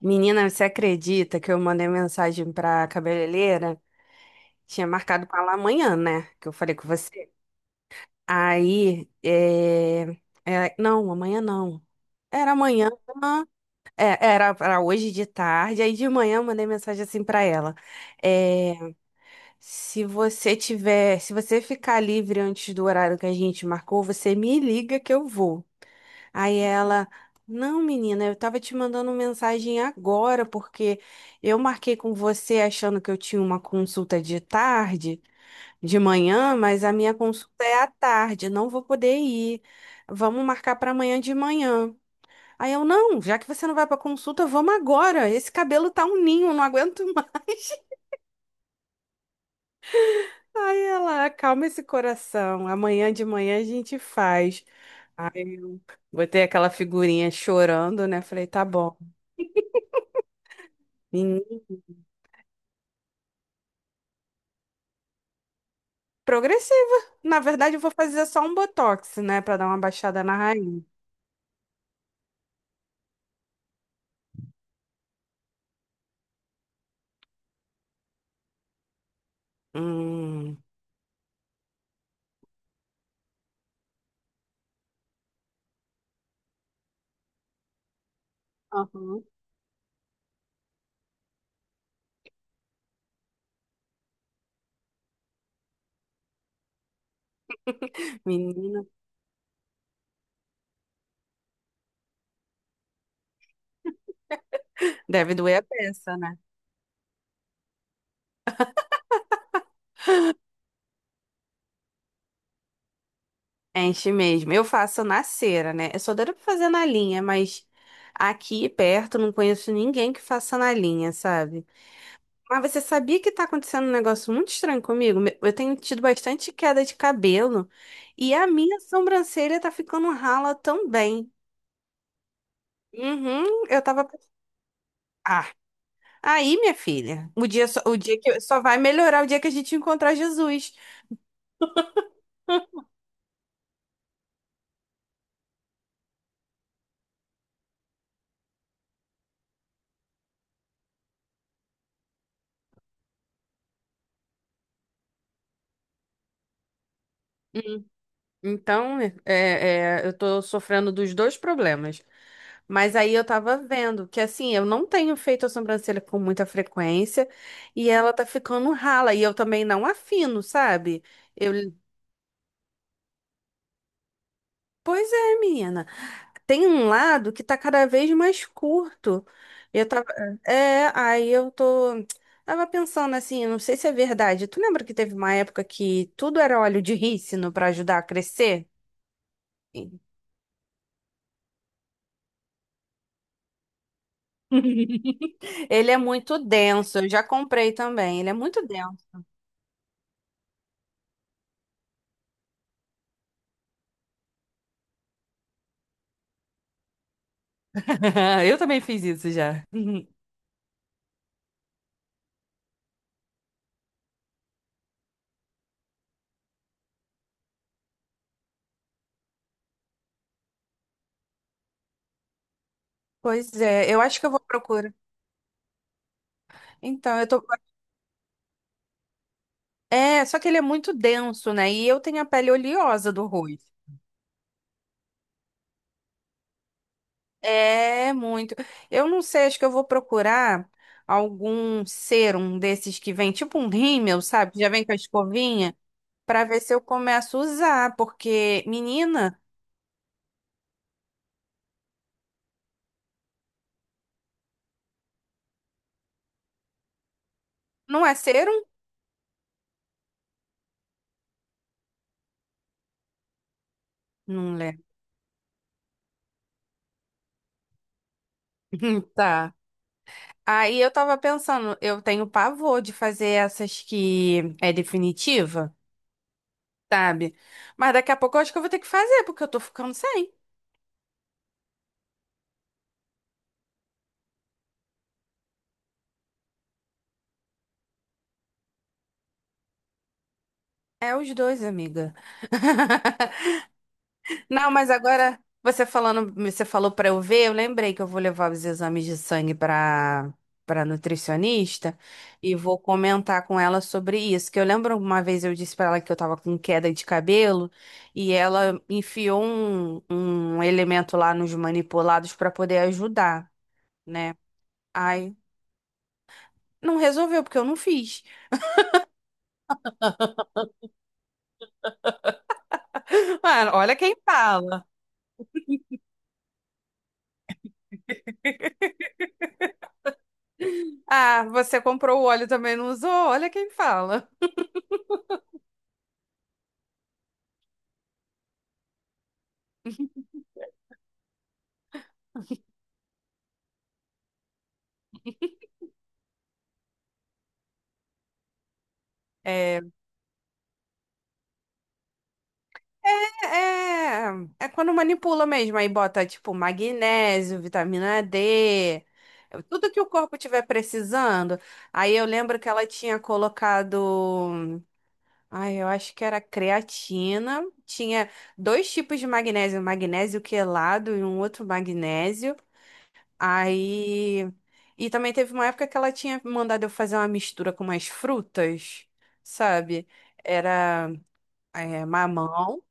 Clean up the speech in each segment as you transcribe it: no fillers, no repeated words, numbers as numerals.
Menina, você acredita que eu mandei mensagem pra cabeleireira? Tinha marcado com ela amanhã, né? Que eu falei com você. Aí, não, amanhã não. Era amanhã, era para hoje de tarde. Aí de manhã eu mandei mensagem assim pra ela. É, se você ficar livre antes do horário que a gente marcou, você me liga que eu vou. Aí ela, não, menina, eu tava te mandando mensagem agora, porque eu marquei com você achando que eu tinha uma consulta de tarde, de manhã, mas a minha consulta é à tarde, não vou poder ir. Vamos marcar para amanhã de manhã. Aí eu, não, já que você não vai para consulta, vamos agora. Esse cabelo tá um ninho, não aguento mais. Aí ela, acalma esse coração. Amanhã de manhã a gente faz. Aí eu botei aquela figurinha chorando, né? Falei, tá bom. Progressiva. Na verdade, eu vou fazer só um botox, né? Pra dar uma baixada na raiz. Hum. Aham. Menina, deve doer a peça, né? Enche mesmo. Eu faço na cera, né? Eu sou doida pra fazer na linha, mas aqui perto não conheço ninguém que faça na linha, sabe? Mas você sabia que tá acontecendo um negócio muito estranho comigo? Eu tenho tido bastante queda de cabelo e a minha sobrancelha tá ficando rala também. Uhum, eu tava. Ah, aí, minha filha, o dia que só vai melhorar o dia que a gente encontrar Jesus. Então, eu tô sofrendo dos dois problemas. Mas aí eu tava vendo que assim, eu não tenho feito a sobrancelha com muita frequência e ela tá ficando rala e eu também não afino, sabe? Eu, Pois é, menina. Tem um lado que tá cada vez mais curto. E Eu tava, é, aí eu tô, Tava pensando assim, não sei se é verdade. Tu lembra que teve uma época que tudo era óleo de rícino para ajudar a crescer? Sim. Ele é muito denso, eu já comprei também. Ele é muito denso. Eu também fiz isso já. Pois é, eu acho que eu vou procurar. Então, eu tô. É, só que ele é muito denso, né? E eu tenho a pele oleosa do rosto. É muito. Eu não sei, acho que eu vou procurar algum serum desses que vem, tipo um rímel, sabe? Já vem com a escovinha, pra ver se eu começo a usar, porque, menina, não é serum? Não lembro. Tá. Aí eu tava pensando, eu tenho pavor de fazer essas que é definitiva, sabe? Mas daqui a pouco eu acho que eu vou ter que fazer, porque eu tô ficando sem. É os dois, amiga. Não, mas agora você falando, você falou pra eu ver, eu lembrei que eu vou levar os exames de sangue pra para nutricionista e vou comentar com ela sobre isso, que eu lembro uma vez eu disse pra ela que eu tava com queda de cabelo e ela enfiou um elemento lá nos manipulados pra poder ajudar, né? Ai, não resolveu porque eu não fiz. Mano, olha quem fala. Ah, você comprou o óleo e também não usou? Olha quem fala. É. É, é quando manipula mesmo, aí bota tipo magnésio, vitamina D, é tudo que o corpo tiver precisando. Aí eu lembro que ela tinha colocado, ai, eu acho que era creatina, tinha dois tipos de magnésio, magnésio quelado e um outro magnésio. Aí e também teve uma época que ela tinha mandado eu fazer uma mistura com umas frutas, sabe? Era mamão.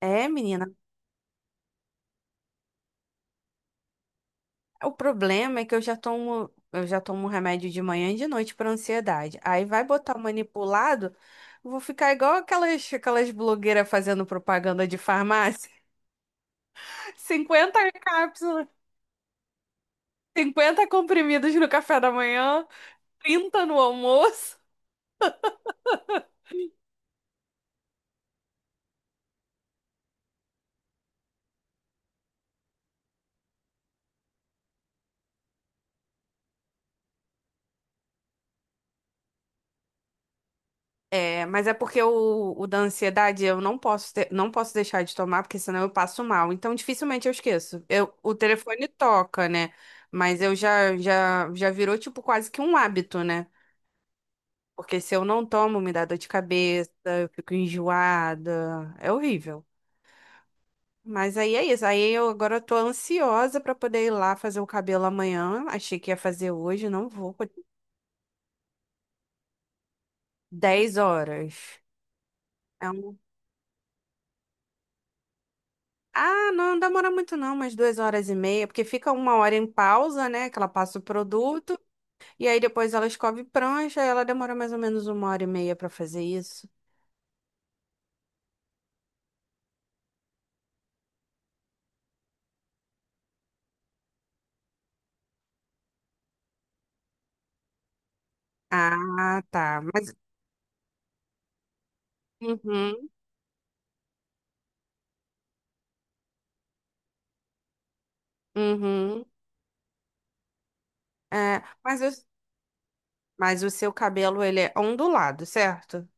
É, menina. O problema é que eu já tomo remédio de manhã e de noite para ansiedade. Aí vai botar o manipulado, eu vou ficar igual aquelas blogueiras fazendo propaganda de farmácia. 50 cápsulas, 50 comprimidos no café da manhã, 30 no almoço. É, mas é porque o da ansiedade eu não posso não posso deixar de tomar, porque senão eu passo mal. Então dificilmente eu esqueço. O telefone toca, né? Mas eu já virou tipo quase que um hábito, né? Porque se eu não tomo, me dá dor de cabeça, eu fico enjoada. É horrível. Mas aí é isso. Aí eu agora eu tô ansiosa pra poder ir lá fazer o cabelo amanhã. Achei que ia fazer hoje, não vou. 10 horas. É um- Ah, não, não demora muito não, umas 2 horas e meia, porque fica uma hora em pausa, né? Que ela passa o produto, e aí depois ela escove prancha, e ela demora mais ou menos uma hora e meia pra fazer isso. Ah, tá. Mas, uhum, uhum. É, mas eu Mas o seu cabelo, ele é ondulado, certo?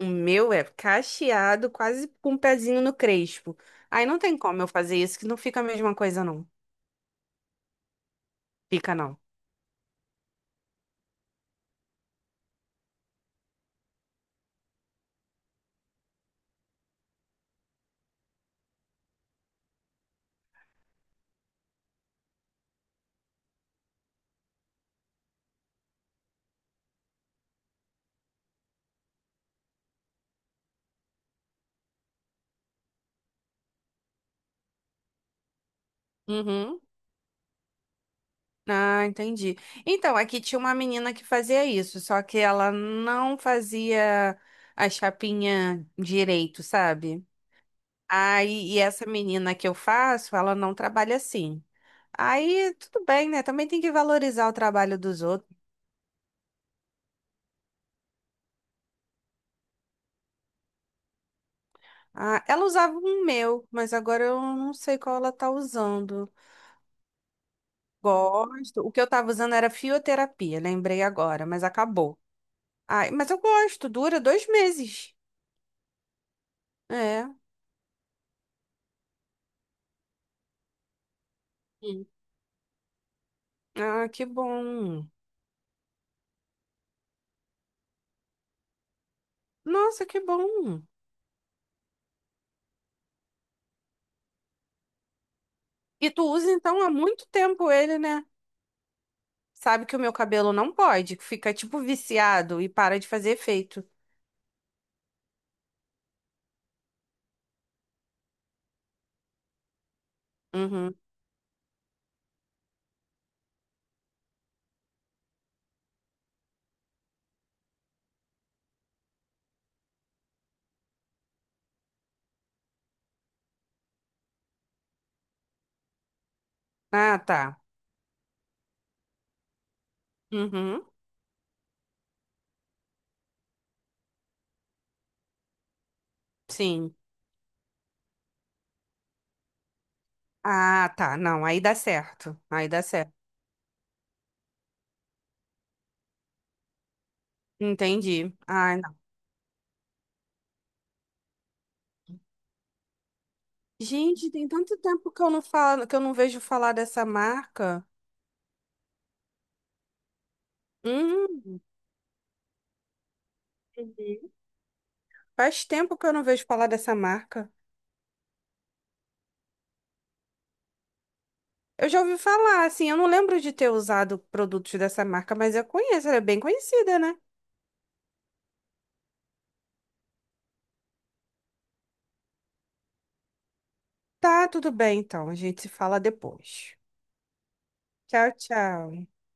O meu é cacheado, quase com um pezinho no crespo. Aí não tem como eu fazer isso, que não fica a mesma coisa, não. Fica, não. Uhum. Ah, entendi. Então, aqui tinha uma menina que fazia isso, só que ela não fazia a chapinha direito, sabe? Aí, e essa menina que eu faço, ela não trabalha assim. Aí, tudo bem, né? Também tem que valorizar o trabalho dos outros. Ah, ela usava um meu, mas agora eu não sei qual ela tá usando. Gosto. O que eu tava usando era fioterapia, lembrei agora, mas acabou. Ai, mas eu gosto, dura 2 meses. É. Hum. Ah, que bom. Nossa, que bom. E tu usa então há muito tempo ele, né? Sabe que o meu cabelo não pode, que fica tipo viciado e para de fazer efeito. Uhum. Ah, tá. Uhum. Sim. Ah, tá. Não, aí dá certo. Aí dá certo. Entendi. Ah, gente, tem tanto tempo que eu não falo, que eu não vejo falar dessa marca. Hum, uhum. Faz tempo que eu não vejo falar dessa marca. Eu já ouvi falar, assim, eu não lembro de ter usado produtos dessa marca, mas eu conheço, ela é bem conhecida, né? Tá, tudo bem, então. A gente se fala depois. Tchau, tchau.